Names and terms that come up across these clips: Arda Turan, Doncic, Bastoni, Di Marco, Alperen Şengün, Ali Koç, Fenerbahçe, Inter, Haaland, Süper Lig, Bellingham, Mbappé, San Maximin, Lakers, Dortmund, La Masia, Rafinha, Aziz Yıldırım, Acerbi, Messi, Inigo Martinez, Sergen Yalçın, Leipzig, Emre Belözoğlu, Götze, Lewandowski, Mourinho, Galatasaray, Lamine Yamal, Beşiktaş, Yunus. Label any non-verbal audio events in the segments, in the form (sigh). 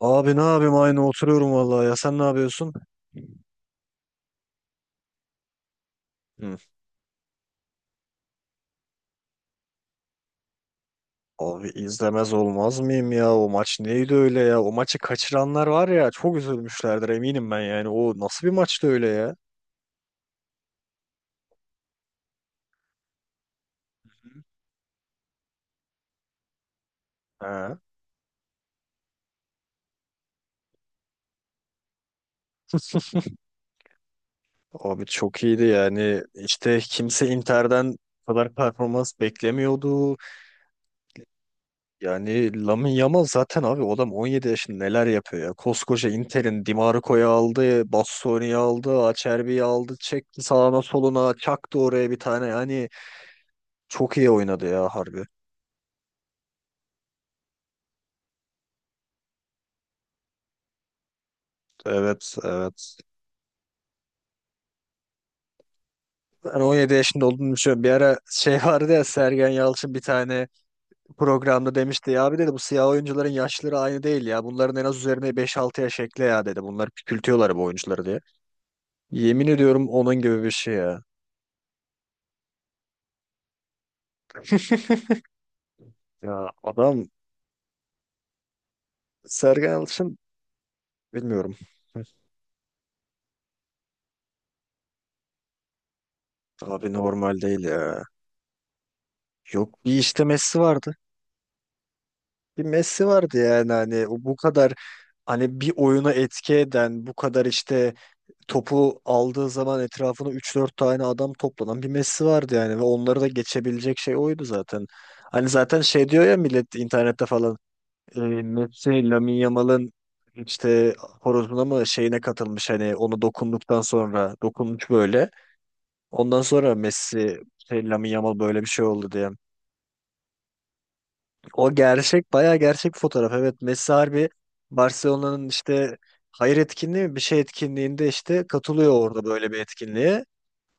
Abi ne yapayım aynı oturuyorum vallahi ya sen ne yapıyorsun? Hı. Abi izlemez olmaz mıyım ya o maç neydi öyle ya o maçı kaçıranlar var ya çok üzülmüşlerdir eminim ben yani o nasıl bir maçtı öyle ya? Ha. Abi çok iyiydi yani işte kimse Inter'den bu kadar performans beklemiyordu. Yani Lamine Yamal zaten abi o adam 17 yaşında neler yapıyor ya. Koskoca Inter'in Di Marco'yu aldı, Bastoni'yi aldı, Acerbi'yi aldı, çekti sağına soluna, çaktı oraya bir tane yani. Çok iyi oynadı ya harbi. Evet, evet. Ben 17 yaşında olduğunu düşünüyorum. Bir ara şey (laughs) vardı ya Sergen Yalçın bir tane programda demişti ya abi dedi bu siyah oyuncuların yaşları aynı değil ya. Bunların en az üzerine 5-6 yaş ekle ya dedi. Bunlar küçültüyorlar bu oyuncuları diye. Yemin ediyorum onun gibi bir şey ya. (laughs) Ya adam Sergen Yalçın bilmiyorum. Abi normal değil ya. Yok bir işte Messi vardı. Bir Messi vardı yani hani o bu kadar hani bir oyuna etki eden bu kadar işte topu aldığı zaman etrafına üç dört tane adam toplanan bir Messi vardı yani ve onları da geçebilecek şey oydu zaten. Hani zaten şey diyor ya millet internette falan Messi Lamine Yamal'ın işte horozuna mı şeyine katılmış hani onu dokunduktan sonra dokunmuş böyle. Ondan sonra Messi şey, Lamine Yamal böyle bir şey oldu diye. O gerçek bayağı gerçek bir fotoğraf. Evet Messi harbi Barcelona'nın işte hayır etkinliği mi? Bir şey etkinliğinde işte katılıyor orada böyle bir etkinliğe.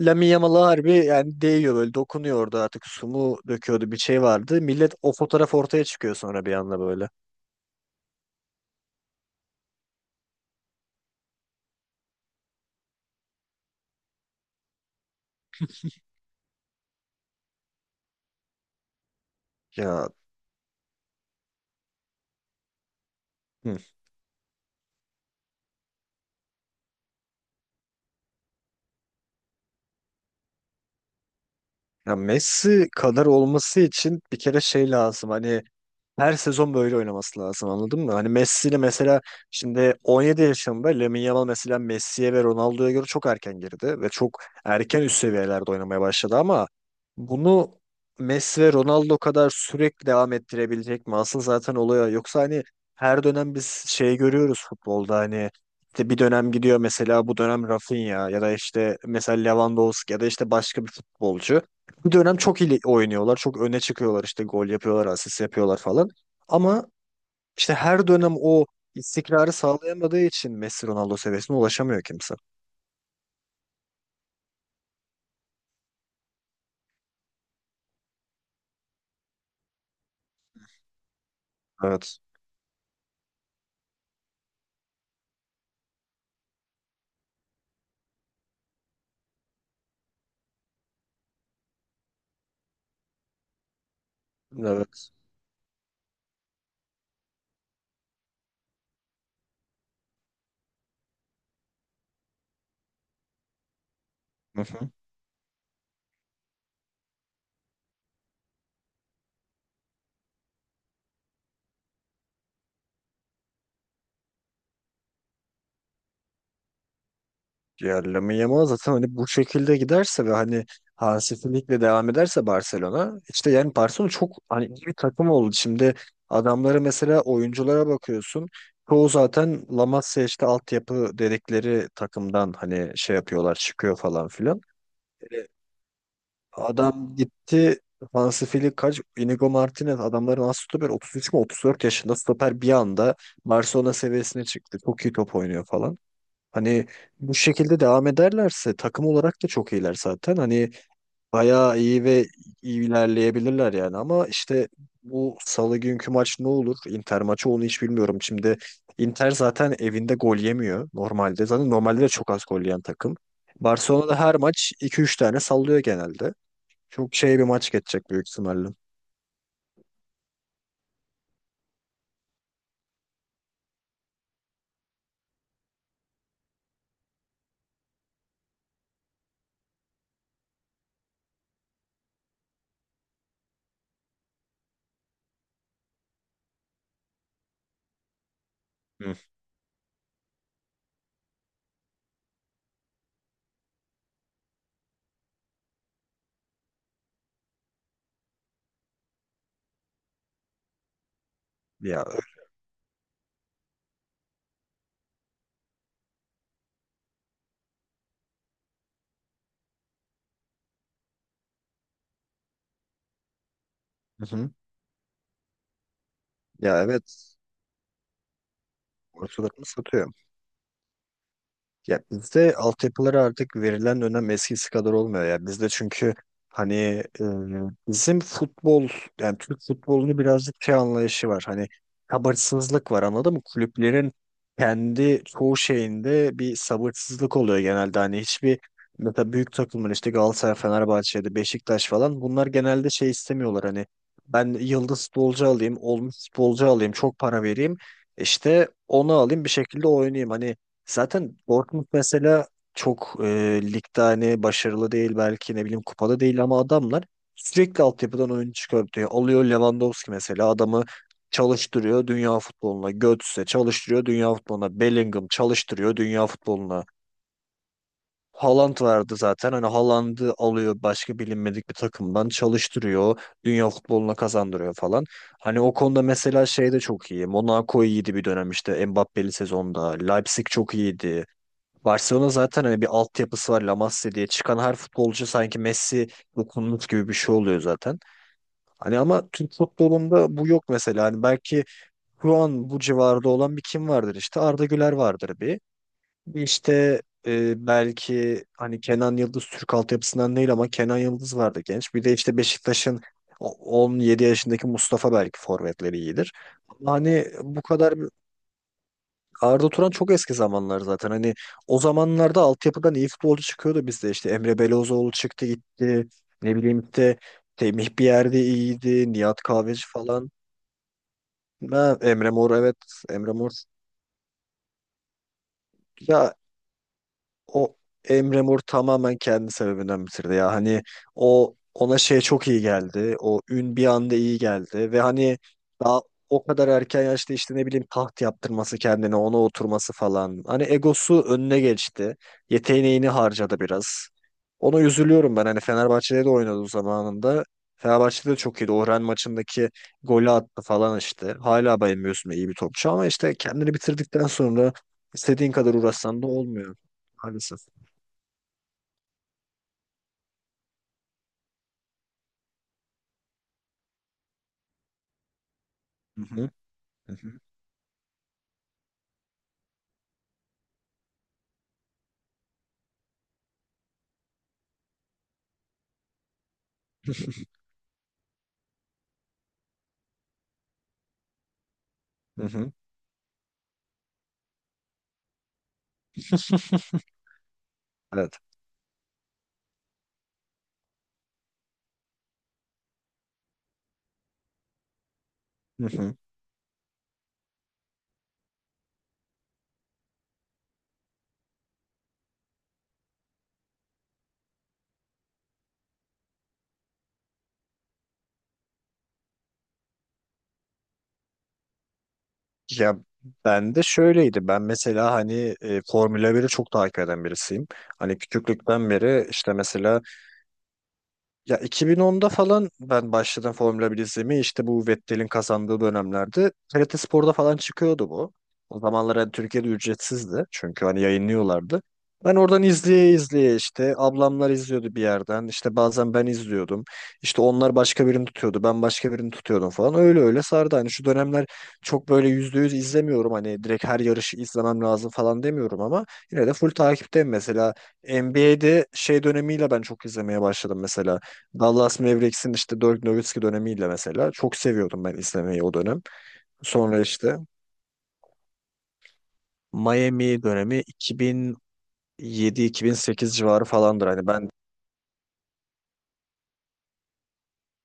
Lamine Yamal'a harbi yani değiyor böyle dokunuyor orada artık su mu döküyordu bir şey vardı. Millet o fotoğraf ortaya çıkıyor sonra bir anda böyle. Ya, hı. Ya Messi kadar olması için bir kere şey lazım hani her sezon böyle oynaması lazım anladın mı? Hani Messi ile mesela şimdi 17 yaşında Lamine Yamal mesela Messi'ye ve Ronaldo'ya göre çok erken girdi ve çok erken üst seviyelerde oynamaya başladı ama bunu Messi ve Ronaldo kadar sürekli devam ettirebilecek mi? Asıl zaten oluyor. Yoksa hani her dönem biz şey görüyoruz futbolda hani işte bir dönem gidiyor mesela bu dönem Rafinha ya da işte mesela Lewandowski ya da işte başka bir futbolcu. Bir dönem çok iyi oynuyorlar, çok öne çıkıyorlar işte gol yapıyorlar, asist yapıyorlar falan. Ama işte her dönem o istikrarı sağlayamadığı için Messi Ronaldo seviyesine ulaşamıyor kimse. Evet. Evet. Hı hı. Yani Lamine Yamal zaten hani bu şekilde giderse ve hani Hansi Flick'le devam ederse Barcelona işte yani Barcelona çok hani iyi bir takım oldu. Şimdi adamlara mesela oyunculara bakıyorsun. Çoğu zaten La Masia işte altyapı dedikleri takımdan hani şey yapıyorlar çıkıyor falan filan. Adam gitti Hansi Flick kaç? Inigo Martinez adamların as stoper 33 mi 34 yaşında stoper bir anda Barcelona seviyesine çıktı. Çok iyi top oynuyor falan. Hani bu şekilde devam ederlerse takım olarak da çok iyiler zaten. Hani bayağı iyi ve iyi ilerleyebilirler yani ama işte bu salı günkü maç ne olur? Inter maçı onu hiç bilmiyorum. Şimdi Inter zaten evinde gol yemiyor normalde. Zaten normalde de çok az gol yiyen takım. Barcelona'da her maç iki üç tane sallıyor genelde. Çok şey bir maç geçecek büyük ihtimalle. Hı. Ya, hı hı. Ya evet. Ortalarını satıyor. Ya bizde altyapılara artık verilen önem eskisi kadar olmuyor ya. Bizde çünkü hani bizim futbol yani Türk futbolunu birazcık şey anlayışı var. Hani sabırsızlık var anladın mı? Kulüplerin kendi çoğu şeyinde bir sabırsızlık oluyor genelde. Hani hiçbir mesela büyük takımın işte Galatasaray, Fenerbahçe'de, Beşiktaş falan bunlar genelde şey istemiyorlar hani ben yıldız futbolcu alayım, olmuş futbolcu alayım, çok para vereyim. İşte onu alayım bir şekilde oynayayım. Hani zaten Dortmund mesela çok ligde hani başarılı değil belki ne bileyim kupada değil ama adamlar sürekli altyapıdan oyun çıkartıyor. Alıyor Lewandowski mesela adamı çalıştırıyor dünya futboluna. Götze çalıştırıyor dünya futboluna. Bellingham çalıştırıyor dünya futboluna. Haaland vardı zaten hani Haaland'ı alıyor başka bilinmedik bir takımdan çalıştırıyor. Dünya futboluna kazandırıyor falan. Hani o konuda mesela şey de çok iyi. Monaco iyiydi bir dönem işte Mbappé'li sezonda. Leipzig çok iyiydi. Barcelona zaten hani bir altyapısı var La Masia diye çıkan her futbolcu sanki Messi dokunmuş gibi bir şey oluyor zaten. Hani ama Türk futbolunda bu yok mesela. Hani belki şu an bu civarda olan bir kim vardır işte Arda Güler vardır bir. Bir işte belki hani Kenan Yıldız Türk altyapısından değil ama Kenan Yıldız vardı genç. Bir de işte Beşiktaş'ın 17 yaşındaki Mustafa belki forvetleri iyidir. Ama hani bu kadar Arda Turan çok eski zamanlar zaten. Hani o zamanlarda altyapıdan iyi futbolcu çıkıyordu bizde. İşte Emre Belözoğlu çıktı gitti. Ne bileyim işte Temih bir yerde iyiydi. Nihat Kahveci falan. Ha, Emre Mor evet. Emre Mor. Ya o Emre Mor tamamen kendi sebebinden bitirdi ya. Hani o ona şey çok iyi geldi. O ün bir anda iyi geldi ve hani daha o kadar erken yaşta işte ne bileyim taht yaptırması kendine ona oturması falan. Hani egosu önüne geçti. Yeteneğini harcadı biraz. Ona üzülüyorum ben. Hani Fenerbahçe'de de oynadı zamanında. Fenerbahçe'de de çok iyiydi. Orhan maçındaki golü attı falan işte. Hala bayılmıyorsun iyi bir topçu ama işte kendini bitirdikten sonra istediğin kadar uğraşsan da olmuyor. Maalesef. Hı hı, hı hı, (laughs) hı hı. (laughs) Evet. Hı hı. Ya ben de şöyleydi. Ben mesela hani Formula 1'i çok takip eden birisiyim. Hani küçüklükten beri işte mesela ya 2010'da falan ben başladım Formula 1 izlemeye. İşte bu Vettel'in kazandığı dönemlerde TRT Spor'da falan çıkıyordu bu. O zamanlar hani Türkiye'de ücretsizdi. Çünkü hani yayınlıyorlardı. Ben oradan izleye izleye işte ablamlar izliyordu bir yerden. İşte bazen ben izliyordum. İşte onlar başka birini tutuyordu. Ben başka birini tutuyordum falan. Öyle öyle sardı. Hani şu dönemler çok böyle %100 izlemiyorum. Hani direkt her yarışı izlemem lazım falan demiyorum ama yine de full takipteyim. Mesela NBA'de şey dönemiyle ben çok izlemeye başladım mesela. Dallas Mavericks'in işte Dirk Nowitzki dönemiyle mesela çok seviyordum ben izlemeyi o dönem. Sonra işte Miami dönemi 2007-2008 civarı falandır. Hani ben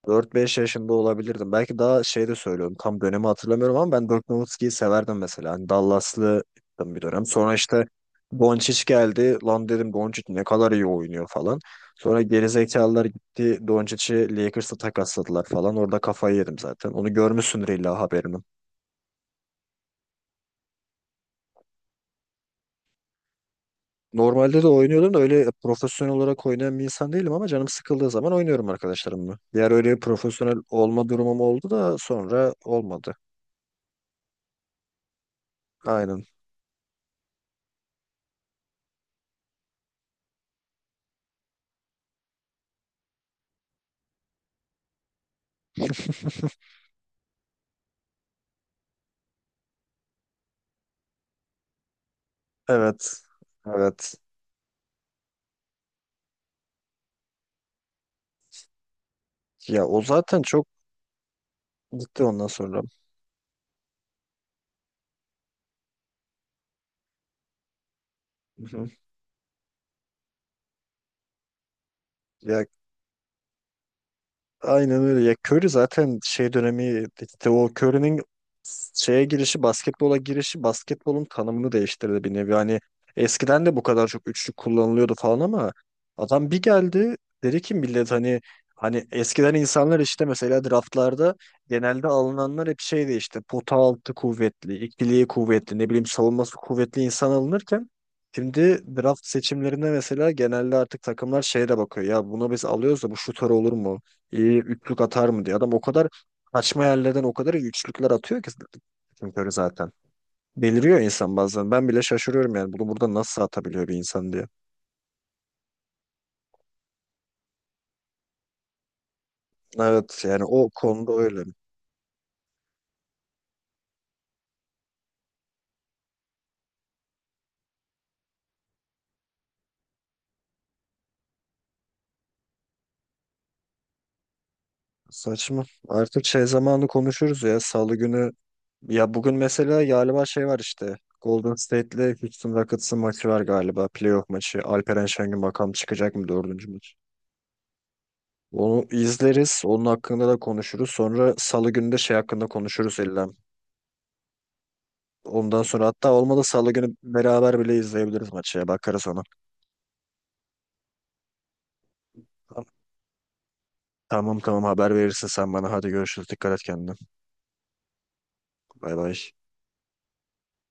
4-5 yaşında olabilirdim. Belki daha şey de söylüyorum. Tam dönemi hatırlamıyorum ama ben Dirk Nowitzki'yi severdim mesela. Hani Dallas'lı bir dönem. Sonra işte Doncic geldi. Lan dedim Doncic ne kadar iyi oynuyor falan. Sonra gerizekalılar gitti. Doncic'i Lakers'a takasladılar falan. Orada kafayı yedim zaten. Onu görmüşsündür illa haberini. Normalde de oynuyordum da öyle profesyonel olarak oynayan bir insan değilim ama canım sıkıldığı zaman oynuyorum arkadaşlarımla. Diğer öyle profesyonel olma durumum oldu da sonra olmadı. Aynen. Evet. Evet. Ya o zaten çok gitti ondan sonra. Hı hı. Ya aynen öyle. Ya Curry zaten şey dönemi işte o Curry'nin şeye girişi, basketbola girişi basketbolun tanımını değiştirdi bir nevi. Hani eskiden de bu kadar çok üçlük kullanılıyordu falan ama adam bir geldi dedi ki millet hani eskiden insanlar işte mesela draftlarda genelde alınanlar hep şeydi işte pota altı kuvvetli, ikiliği kuvvetli, ne bileyim savunması kuvvetli insan alınırken şimdi draft seçimlerinde mesela genelde artık takımlar şeye de bakıyor. Ya bunu biz alıyoruz da bu şutör olur mu? Üçlük atar mı diye. Adam o kadar kaçma yerlerden o kadar iyi üçlükler atıyor ki Stephen Curry zaten. Deliriyor insan bazen. Ben bile şaşırıyorum yani bunu burada nasıl atabiliyor bir insan diye. Evet yani o konuda öyle. Saçma. Artık şey zamanı konuşuruz ya salı günü. Ya bugün mesela galiba şey var işte. Golden State'le Houston Rockets'ın maçı var galiba. Playoff maçı. Alperen Şengün bakalım çıkacak mı dördüncü maç. Onu izleriz. Onun hakkında da konuşuruz. Sonra salı günü de şey hakkında konuşuruz illa. Ondan sonra hatta olmadı salı günü beraber bile izleyebiliriz maçı ya. Bakarız ona. Tamam tamam haber verirsin sen bana. Hadi görüşürüz. Dikkat et kendine. Bay bay.